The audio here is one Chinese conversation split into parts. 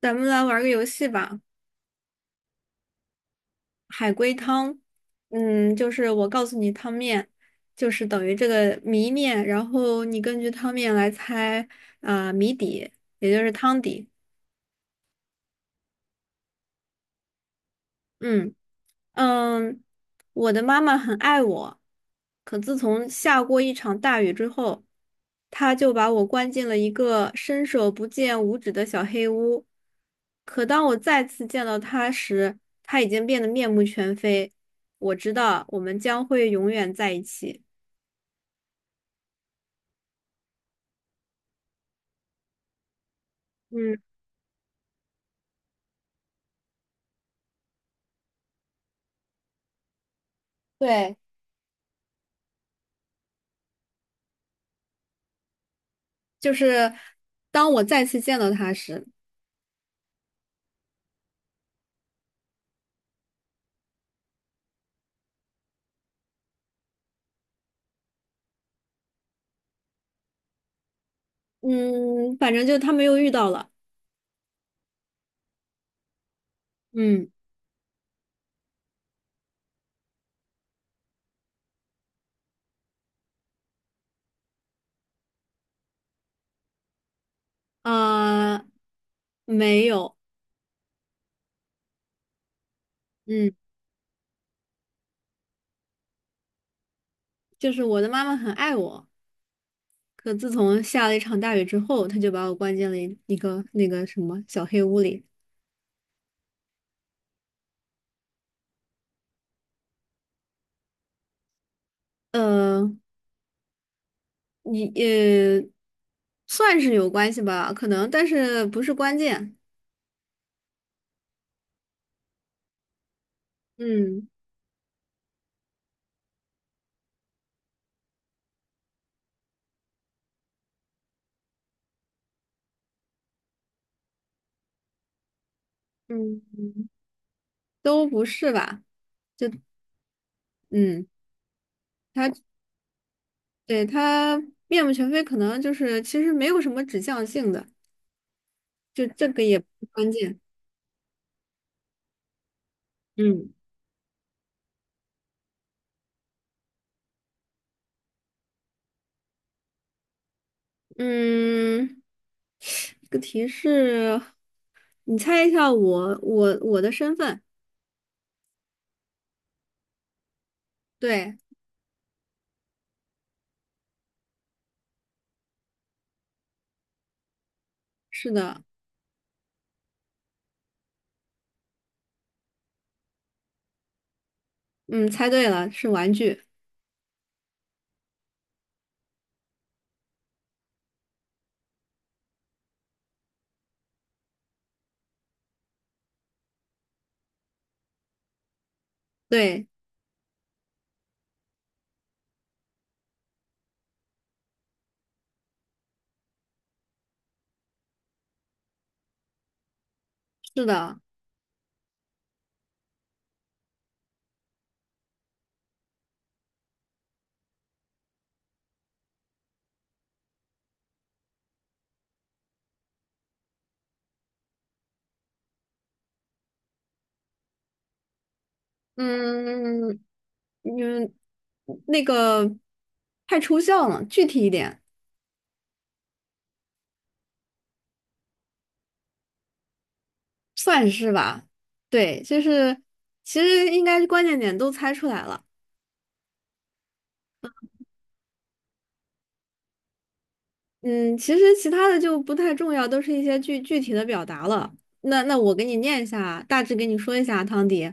咱们来玩个游戏吧，海龟汤。就是我告诉你汤面，就是等于这个谜面，然后你根据汤面来猜谜底，也就是汤底。嗯，嗯，我的妈妈很爱我，可自从下过一场大雨之后，她就把我关进了一个伸手不见五指的小黑屋。可当我再次见到她时，她已经变得面目全非。我知道我们将会永远在一起。嗯，对，就是当我再次见到她时，嗯，反正就他们又遇到了。嗯，啊、没有，嗯。就是我的妈妈很爱我，可自从下了一场大雨之后，她就把我关进了一个那个什么小黑屋里。呃，你呃，算是有关系吧，可能，但是不是关键。嗯。嗯，都不是吧？就嗯，他对他面目全非，可能就是其实没有什么指向性的，就这个也不关键。嗯。嗯。这个提示，你猜一下我的身份？对，是的，嗯，猜对了，是玩具。对，是的，嗯。嗯，那个太抽象了，具体一点，算是吧。对，就是其实应该是关键点都猜出来了。嗯，其实其他的就不太重要，都是一些具体的表达了。那我给你念一下，大致给你说一下，汤迪。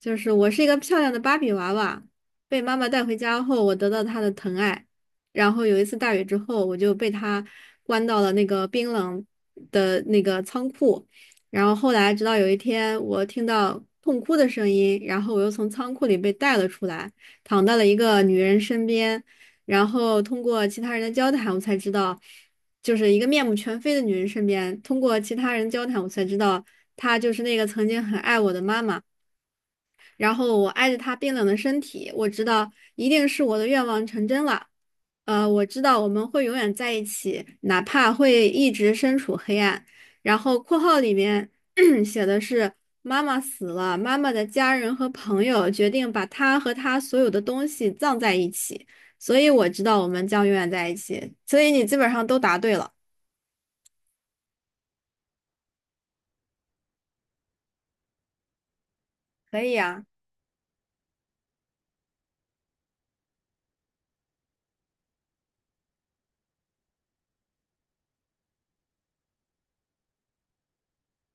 就是我是一个漂亮的芭比娃娃，被妈妈带回家后，我得到她的疼爱。然后有一次大雨之后，我就被她关到了那个冰冷的那个仓库。然后后来，直到有一天，我听到痛哭的声音，然后我又从仓库里被带了出来，躺到了一个女人身边。然后通过其他人的交谈，我才知道，就是一个面目全非的女人身边。通过其他人交谈，我才知道，她就是那个曾经很爱我的妈妈。然后我挨着他冰冷的身体，我知道一定是我的愿望成真了。我知道我们会永远在一起，哪怕会一直身处黑暗。然后括号里面 写的是妈妈死了，妈妈的家人和朋友决定把她和她所有的东西葬在一起，所以我知道我们将永远在一起。所以你基本上都答对了，可以啊。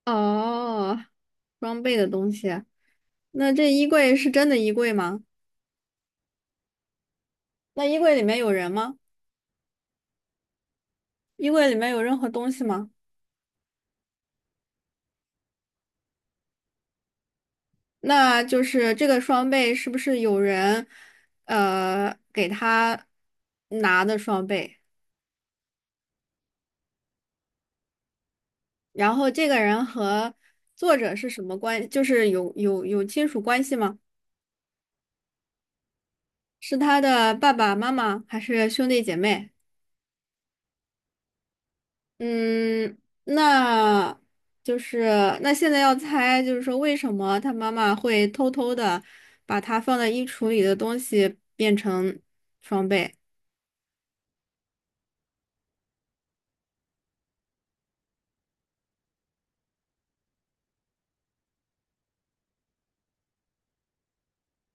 哦，装备的东西，那这衣柜是真的衣柜吗？那衣柜里面有人吗？衣柜里面有任何东西吗？那就是这个双倍是不是有人，给他拿的双倍？然后这个人和作者是什么关？就是有亲属关系吗？是他的爸爸妈妈还是兄弟姐妹？嗯，那就是那现在要猜，就是说为什么他妈妈会偷偷的把他放在衣橱里的东西变成双倍，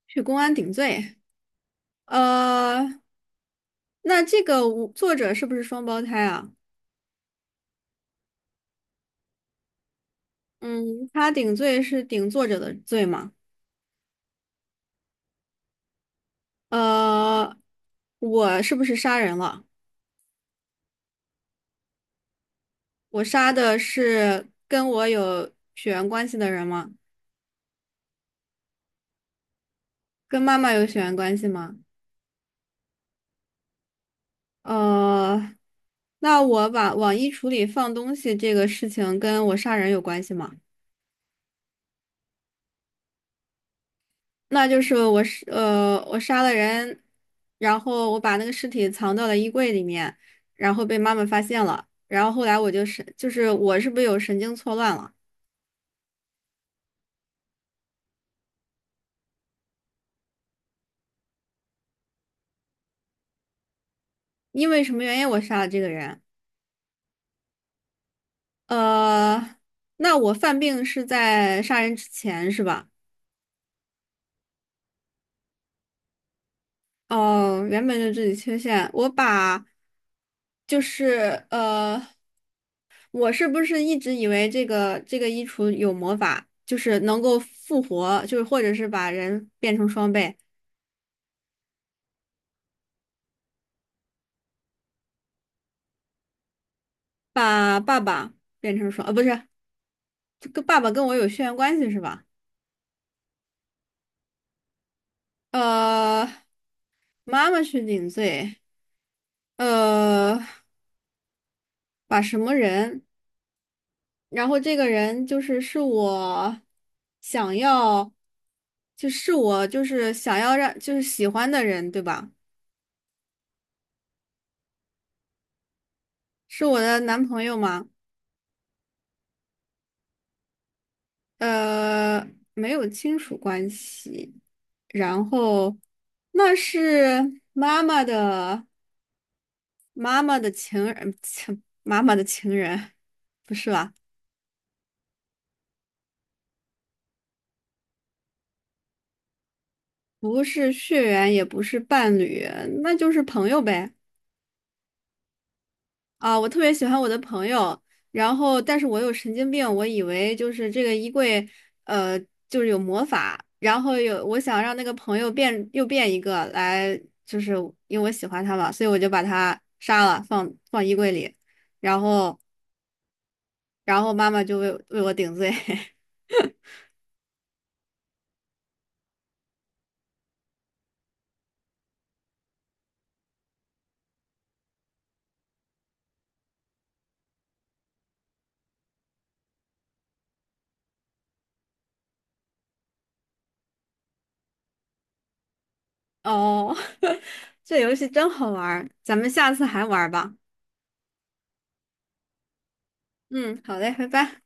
去公安顶罪？呃，那这个无作者是不是双胞胎啊？嗯，他顶罪是顶作者的罪吗？呃，我是不是杀人了？我杀的是跟我有血缘关系的人吗？跟妈妈有血缘关系吗？呃，那我把往衣橱里放东西这个事情跟我杀人有关系吗？那就是我我杀了人，然后我把那个尸体藏到了衣柜里面，然后被妈妈发现了，然后后来我就是我是不是有神经错乱了？因为什么原因我杀了这个人？呃，那我犯病是在杀人之前是吧？哦，原本就自己缺陷，就是呃，我是不是一直以为这个衣橱有魔法，就是能够复活，就是或者是把人变成双倍？把爸爸变成双，呃，不是，这个爸爸跟我有血缘关系是吧？呃，妈妈去顶罪，呃，把什么人？然后这个人就是是我想要，就是我就是想要让就是喜欢的人，对吧？是我的男朋友吗？呃，没有亲属关系。然后那是妈妈的。妈妈的情人，妈妈的情人，不是吧？不是血缘，也不是伴侣，那就是朋友呗。啊，我特别喜欢我的朋友，然后但是我有神经病，我以为就是这个衣柜，呃，就是有魔法，然后有我想让那个朋友变又变一个来，就是因为我喜欢他嘛，所以我就把他杀了，放衣柜里，然后然后妈妈就为我顶罪。哦，这游戏真好玩儿咱们下次还玩儿吧。嗯，好嘞，拜拜。